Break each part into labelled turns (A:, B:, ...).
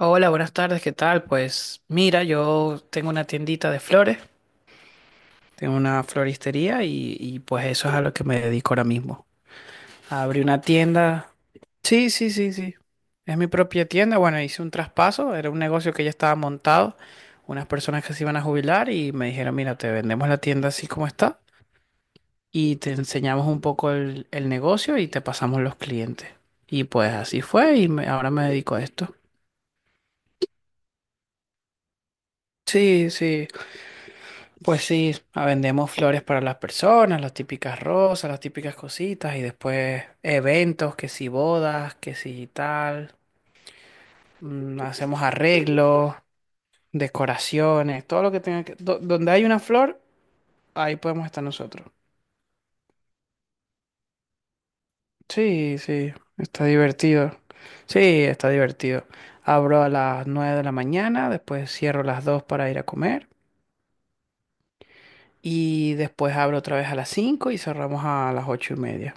A: Hola, buenas tardes, ¿qué tal? Pues mira, yo tengo una tiendita de flores, tengo una floristería pues eso es a lo que me dedico ahora mismo. Abrí una tienda. Sí, sí, sí, sí. Es mi propia tienda. Bueno, hice un traspaso, era un negocio que ya estaba montado, unas personas que se iban a jubilar y me dijeron, mira, te vendemos la tienda así como está y te enseñamos un poco el negocio y te pasamos los clientes. Y pues así fue y ahora me dedico a esto. Sí, sí. Pues sí, ah, vendemos flores para las personas, las típicas rosas, las típicas cositas y después eventos, que si bodas, que si tal, hacemos arreglos, decoraciones, todo lo que tenga que donde hay una flor, ahí podemos estar nosotros. Sí, sí, está divertido. Sí, está divertido. Abro a las 9 de la mañana, después cierro a las 2 para ir a comer y después abro otra vez a las 5 y cerramos a las 8:30.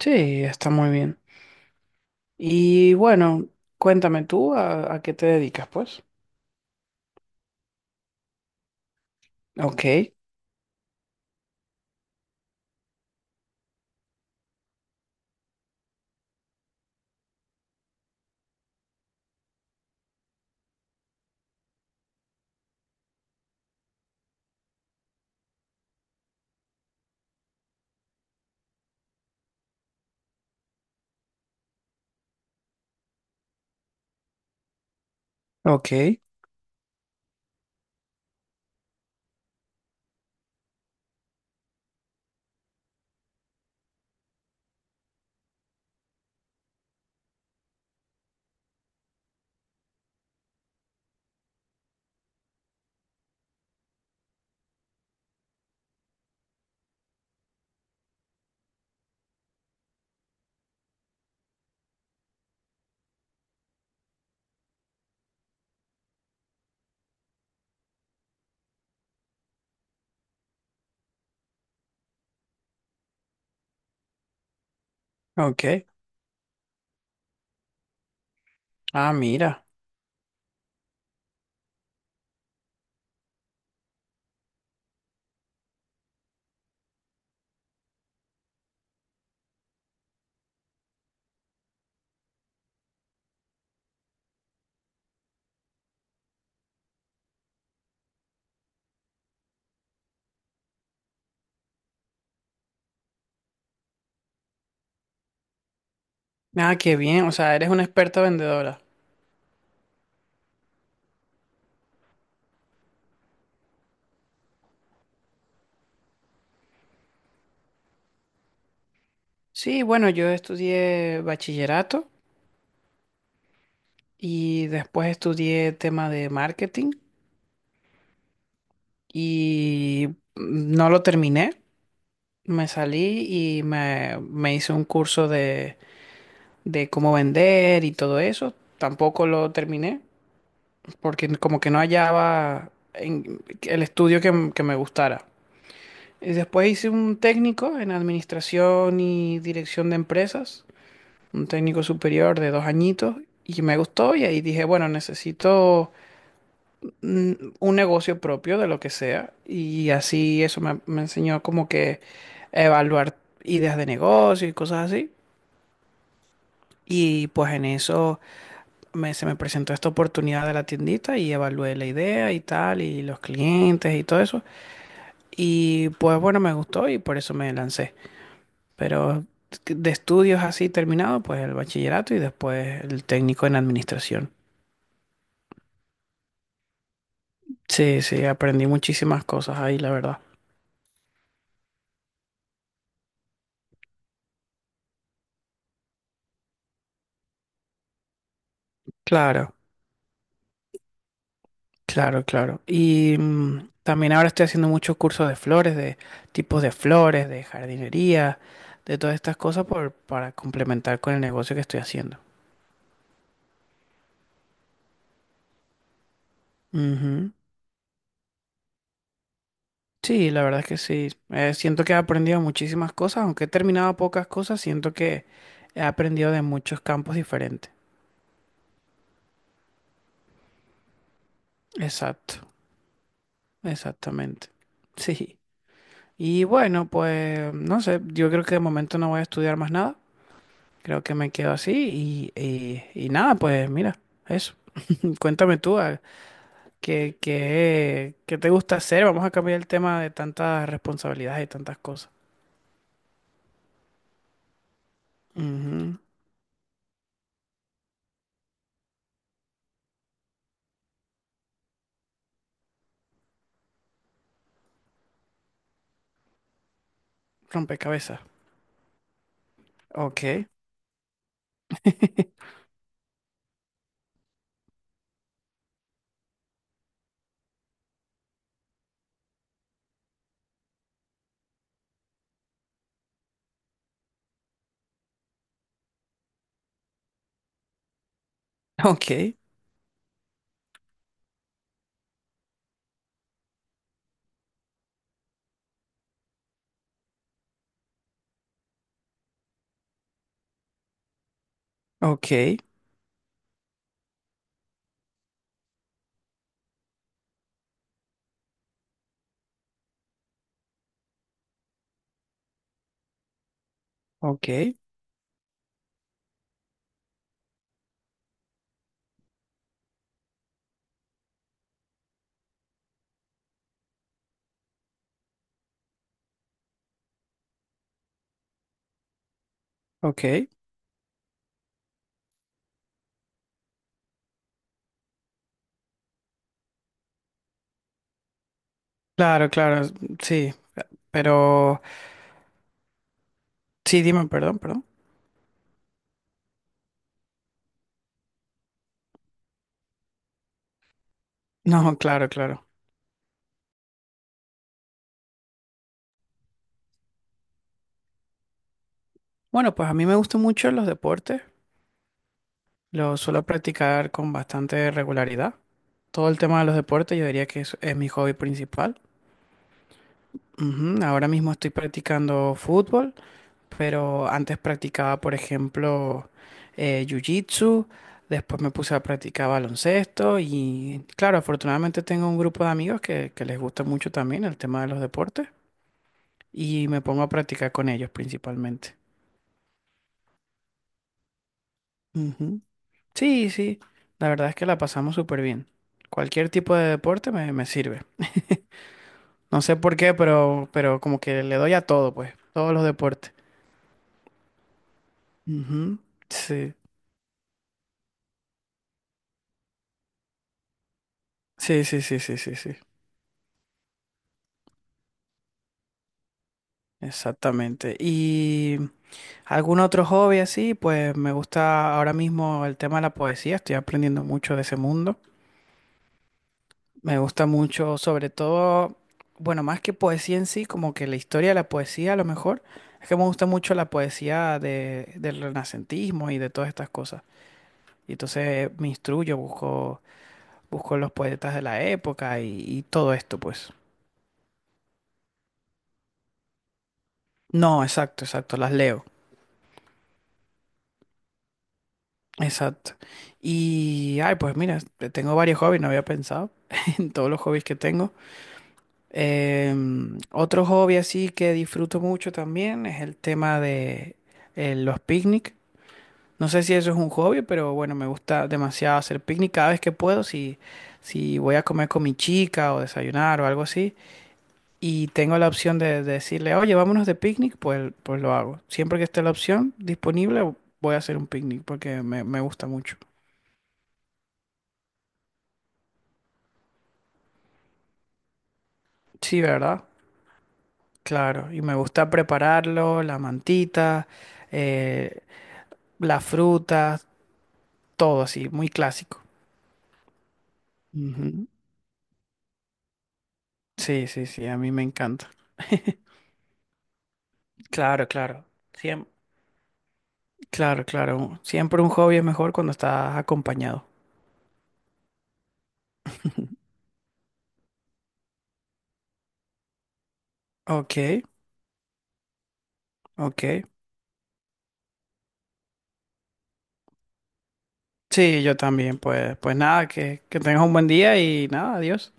A: Sí, está muy bien. Y bueno, cuéntame tú a qué te dedicas, pues. Ok, ok, ok. Ah, mira. Ah, qué bien. O sea, eres una experta vendedora. Sí, bueno, yo estudié bachillerato y después estudié tema de marketing y no lo terminé. Me salí y me hice un curso de cómo vender y todo eso. Tampoco lo terminé. Porque como que no hallaba el estudio que, que me gustara. Y después hice un técnico en administración y dirección de empresas, un técnico superior de 2 añitos, y me gustó y ahí dije, bueno, necesito mm, un negocio propio de lo que sea. Y así eso me enseñó como que a evaluar ideas de negocio y cosas así. Y pues en eso se me presentó esta oportunidad de la tiendita y evalué la idea y tal, y los clientes y todo eso. Y pues bueno, me gustó y por eso me lancé. Pero de estudios así terminado, pues el bachillerato y después el técnico en administración. Sí, sí, aprendí muchísimas cosas ahí, la verdad. Claro, claro, claro. Y también ahora estoy haciendo muchos cursos de flores, de tipos de flores, de jardinería, de todas estas cosas para complementar con el negocio que estoy haciendo. Ujú. Sí, la verdad es que sí. Siento que he aprendido muchísimas cosas, aunque he terminado pocas cosas, siento que he aprendido de muchos campos diferentes. Exacto, exactamente. Sí. Y bueno, pues no sé, yo creo que de momento no voy a estudiar más nada. Creo que me quedo así y nada, pues mira, eso. Cuéntame tú, ah, ¿qué, qué, qué te gusta hacer? Vamos a cambiar el tema de tantas responsabilidades y tantas cosas. Ujú. Rompecabezas. Ok, ok. Ok, ok, ok. Claro, claro, sí, pero sí, dime, perdón, perdón. No, claro, claro. Bueno, pues a mí me gustan mucho los deportes, los suelo practicar con bastante regularidad. Todo el tema de los deportes yo diría que es mi hobby principal. Ujú. Ahora mismo estoy practicando fútbol. Pero antes practicaba, por ejemplo, jiu-jitsu, después me puse a practicar baloncesto y claro, afortunadamente tengo un grupo de amigos que les gusta mucho también el tema de los deportes y me pongo a practicar con ellos principalmente. Ujú. Sí, sí, la verdad es que la pasamos súper bien. Cualquier tipo de deporte me sirve. No sé por qué, pero como que le doy a todo, pues, todos los deportes. Ujú. Sí, sí, sí, sí, sí, sí, sí. Exactamente. ¿Y algún otro hobby así? Pues me gusta ahora mismo el tema de la poesía, estoy aprendiendo mucho de ese mundo. Me gusta mucho, sobre todo, bueno, más que poesía en sí, como que la historia de la poesía a lo mejor. Es que me gusta mucho la poesía del renacentismo y de todas estas cosas. Y entonces me instruyo, busco, busco los poetas de la época y todo esto, pues. No, exacto, exacto, las leo. Exacto. Y, ay, pues mira, tengo varios hobbies, no había pensado en todos los hobbies que tengo. Em, otro hobby así que disfruto mucho también es el tema de los picnic. No sé si eso es un hobby, pero bueno, me gusta demasiado hacer picnic cada vez que puedo, si, si voy a comer con mi chica o desayunar o algo así, y tengo la opción de decirle, oye, vámonos de picnic, pues, pues lo hago. Siempre que esté la opción disponible, voy a hacer un picnic porque me gusta mucho. Sí, ¿verdad? Claro, y me gusta prepararlo, la mantita, eh, las frutas, todo así, muy clásico. Ujú. Sí, sí, sí, a mí me encanta. Claro, claro. Siem- claro, claro. Siempre un hobby es mejor cuando estás acompañado. Ok, ok. Sí, yo también, pues, pues nada, que tengas un buen día y nada, adiós.